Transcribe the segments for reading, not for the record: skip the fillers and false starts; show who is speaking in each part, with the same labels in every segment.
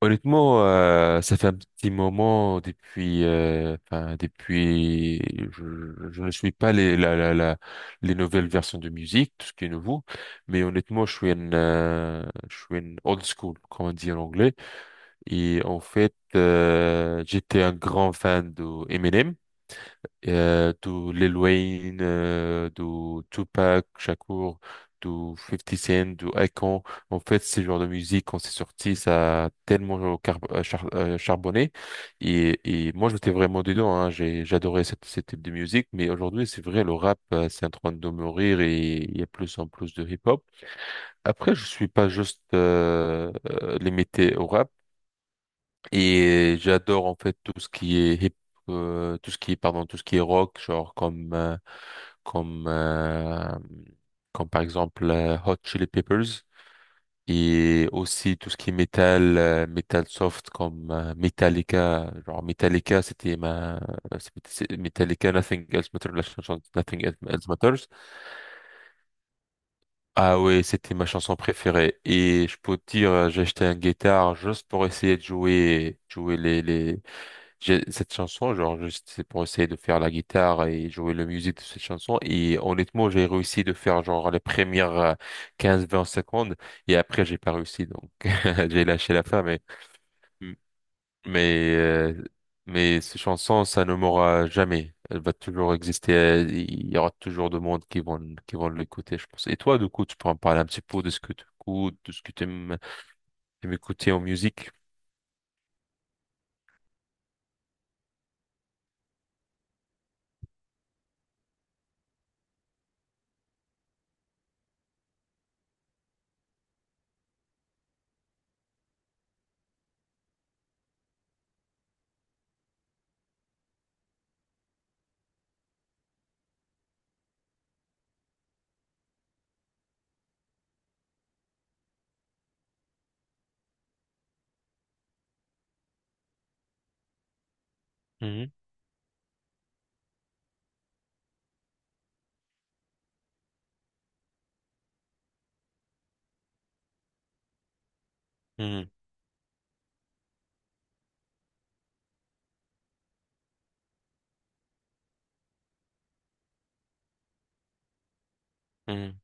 Speaker 1: Honnêtement, ça fait un petit moment depuis, je ne suis pas les la, la, la- les nouvelles versions de musique, tout ce qui est nouveau, mais honnêtement, je suis un old school, comme on dit en anglais, et en fait, j'étais un grand fan de Eminem do Lil Wayne, do Tupac Shakur, do 50 Cent, do Akon. En fait, ce genre de musique, quand c'est sorti, ça a tellement charbonné. Et, et moi, j'étais vraiment dedans. Hein. J'adorais ce type de musique. Mais aujourd'hui, c'est vrai, le rap, c'est en train de mourir et il y a plus en plus de hip-hop. Après, je suis pas juste limité au rap. Et j'adore en fait tout ce qui est, pardon, tout ce qui est rock, genre comme, euh, comme par exemple Hot Chili Peppers et aussi tout ce qui est métal, métal soft comme Metallica. Genre Metallica, c'était ma, c'est- c'est- Metallica, Nothing Else Matters, la chanson Nothing Else Matters. Ah ouais, c'était ma chanson préférée. Et je peux te dire, j'ai acheté une guitare juste pour essayer de jouer les, j'ai cette chanson, genre, juste c'est pour essayer de faire la guitare et jouer la musique de cette chanson. Et honnêtement, j'ai réussi de faire genre les premières 15-20 secondes. Et après, j'ai pas réussi. Donc, j'ai lâché la fin. M- mais mais cette chanson, ça ne mourra jamais. Elle va toujours exister. Il y aura toujours de monde qui vont l'écouter, je pense. Et toi, du coup, tu peux en parler un petit peu de ce que tu écoutes, de ce que aimes écouter en musique. Mhm, mhm, mhm,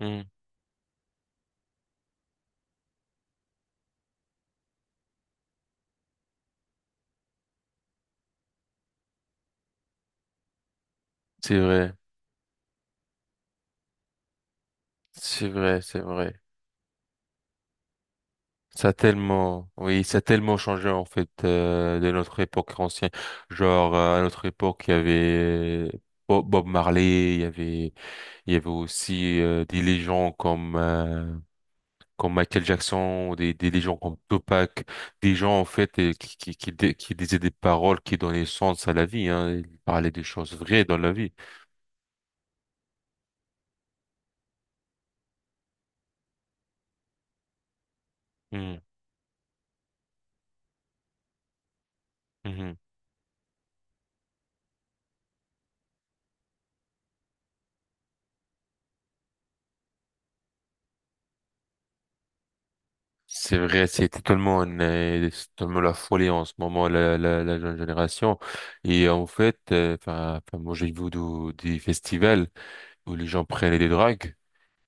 Speaker 1: mhm. C'est vrai. C'est vrai, c'est vrai. Ça a tellement, oui, ça a tellement changé en fait de notre époque ancienne. Genre à notre époque, il y avait Bob Marley, il y avait aussi des légendes comme Michael Jackson, des légendes comme Tupac, des gens en fait qui disaient des paroles qui donnaient sens à la vie. Hein. Ils parlaient des choses vraies dans la vie. Mhm. Mhm. C'est vrai, c'est totalement la folie en ce moment, la jeune génération. Et en fait, moi, j'ai vu des festivals où les gens prennent des drogues.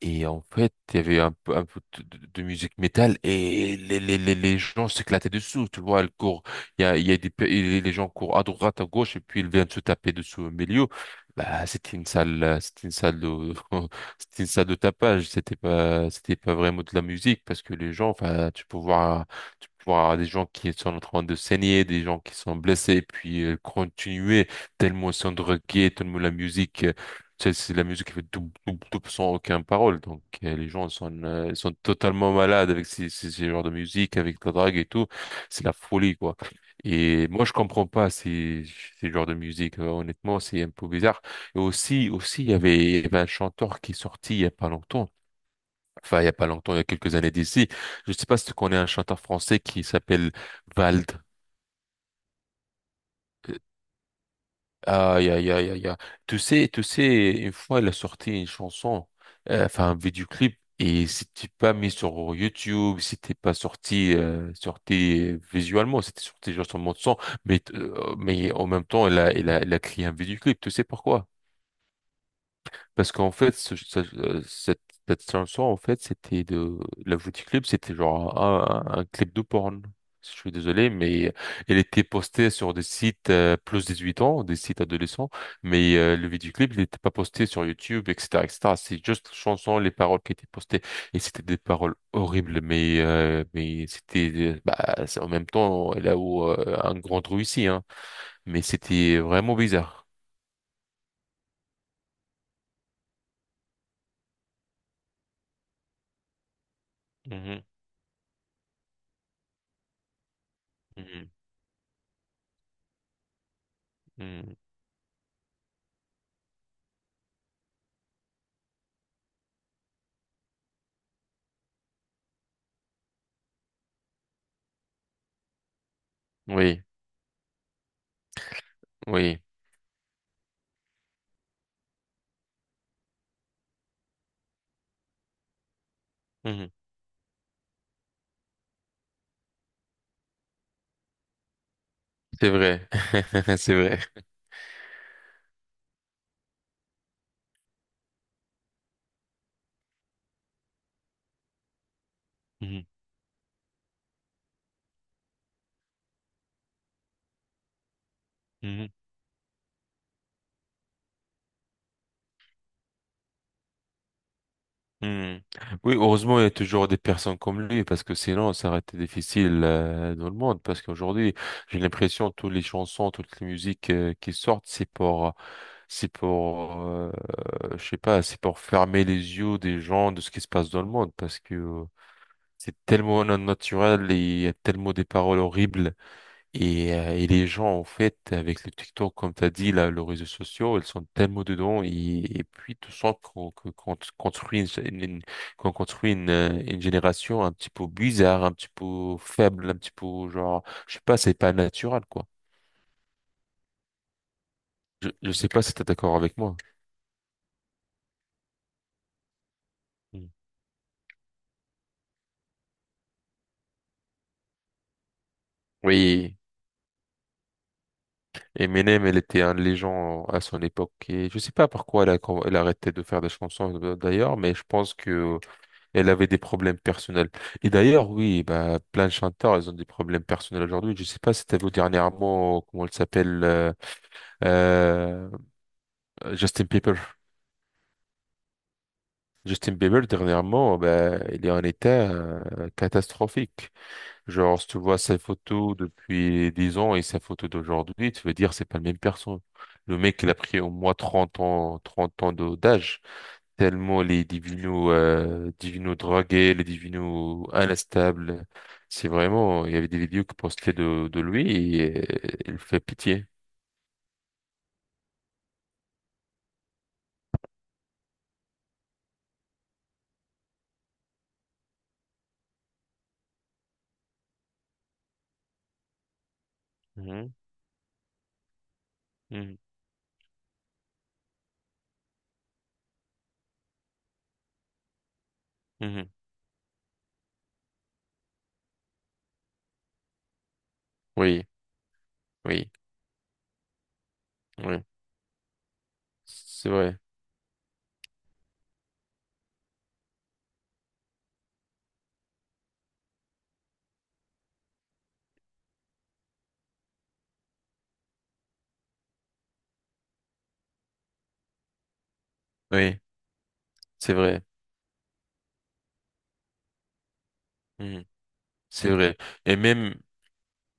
Speaker 1: Et en fait, il y avait un peu de musique métal et les gens s'éclataient dessous, tu vois, ils courent, il y a et les gens courent à droite, à gauche et puis ils viennent se taper dessus au milieu. Bah, c'était une salle de, c'était une salle de tapage, c'était pas vraiment de la musique parce que les gens, enfin, tu peux voir des gens qui sont en train de saigner, des gens qui sont blessés, puis continuer tellement ils sont drogués, tellement la musique. C'est de la musique qui fait double sans aucune parole. Donc, ils sont totalement malades avec ces genres de musique, avec la drague et tout. C'est la folie, quoi. Et moi, je comprends pas ces genres de musique. Honnêtement, c'est un peu bizarre. Et aussi, il y avait un chanteur qui est sorti il y a pas longtemps. Enfin, il y a pas longtemps, il y a quelques années d'ici. Je sais pas si tu connais un chanteur français qui s'appelle Vald. Aïe, aïe, aïe, aïe, aïe. Tu sais, une fois, il a sorti une chanson, un vidéoclip, et c'était pas mis sur YouTube, c'était pas sorti, sorti visuellement, c'était sorti juste en mode son, mais en même temps, il a créé un vidéoclip, tu sais pourquoi? Parce qu'en fait, cette chanson, en fait, c'était de... La du clip, c'était genre un clip de porn. Si Je suis désolé, mais elle était postée sur des sites plus 18 ans, des sites adolescents, mais le vidéoclip, il n'était pas posté sur YouTube, etc., etc. C'est juste la chanson, les paroles qui étaient postées, et c'était des paroles horribles, mais c'était euh, bah, c'est en même temps là où un grand trou ici, hein. Mais c'était vraiment bizarre. Mhm, mhm, mhm. Oui. Oui, mhm, c'est vrai, c'est vrai. Mhm. Mhm. Mhm. Oui, heureusement, il y a toujours des personnes comme lui, parce que sinon, ça aurait été difficile dans le monde. Parce qu'aujourd'hui, j'ai l'impression que toutes les chansons, toutes les musiques qui sortent, c'est pour, euh, je sais pas, c'est pour fermer les yeux des gens de ce qui se passe dans le monde, parce que c'est tellement non naturel et il y a tellement des paroles horribles. Et les gens, en fait, avec le TikTok, comme tu as dit, là, les réseaux sociaux, ils sont tellement dedans. Et puis, tu sens qu'on construit une génération un petit peu bizarre, un petit peu faible, un petit peu genre, je sais pas, c'est pas naturel, quoi. Je sais pas si tu es d'accord avec moi. Mm. Oui, Eminem, elle était un légende à son époque. Et je sais pas pourquoi elle a arrêté de faire des chansons, d'ailleurs, mais je pense que elle avait des problèmes personnels. Et d'ailleurs, oui, bah, plein de chanteurs, ils ont des problèmes personnels aujourd'hui. Je sais pas si t'as vu dernièrement, comment elle s'appelle, euh, Justin Bieber. Justin Bieber, dernièrement, bah, il est en état catastrophique. Genre, si tu vois sa photo depuis 10 ans et sa photo d'aujourd'hui, tu veux dire, c'est pas la même personne. Le mec, il a pris au moins 30 ans, trente ans d'âge. Tellement les divinos, divinos drogués, les divinos instables. C'est vraiment, il y avait des vidéos qui postaient de lui et il fait pitié. Mhm, mhm, mhm. Oui, oui, oui, c'est vrai, oui, c'est vrai, mhm, c'est vrai. Et même,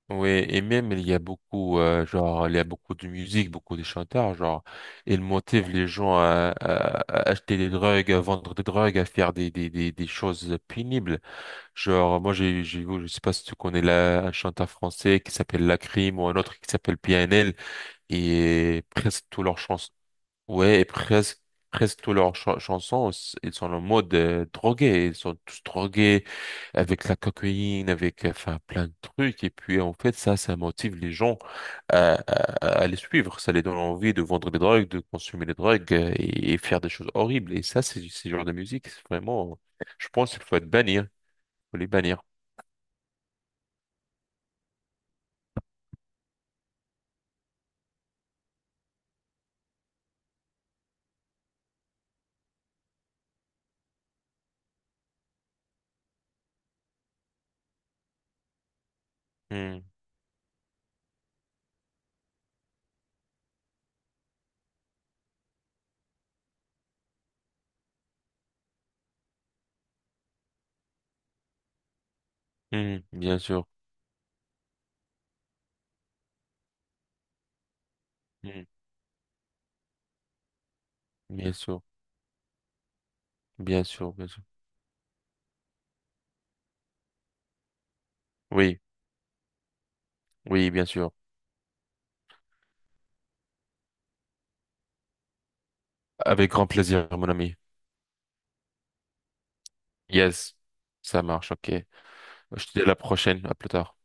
Speaker 1: ouais, et même il y a beaucoup, il y a beaucoup de musique, beaucoup de chanteurs, genre, ils motivent les gens à acheter des drogues, à vendre des drogues, à faire des choses pénibles. Genre, je sais pas si tu connais un chanteur français qui s'appelle Lacrim ou un autre qui s'appelle PNL et presque tous leurs chansons. Ouais, presque tous leurs chansons, ils sont en mode drogué. Ils sont tous drogués avec la cocaïne, avec, plein de trucs. Et puis, en fait, ça motive les gens à les suivre. Ça les donne envie de vendre des drogues, de consommer des drogues et faire des choses horribles. Et ça, c'est genre de musique, c'est vraiment, je pense qu'il faut être bannir. Faut les bannir. Hmm. Mhm, bien sûr. Mhm, bien sûr. Bien sûr, bien sûr. Oui, oui, bien sûr. Avec grand plaisir, mon ami. Yes, ça marche, ok. Je te dis à la prochaine, à plus tard.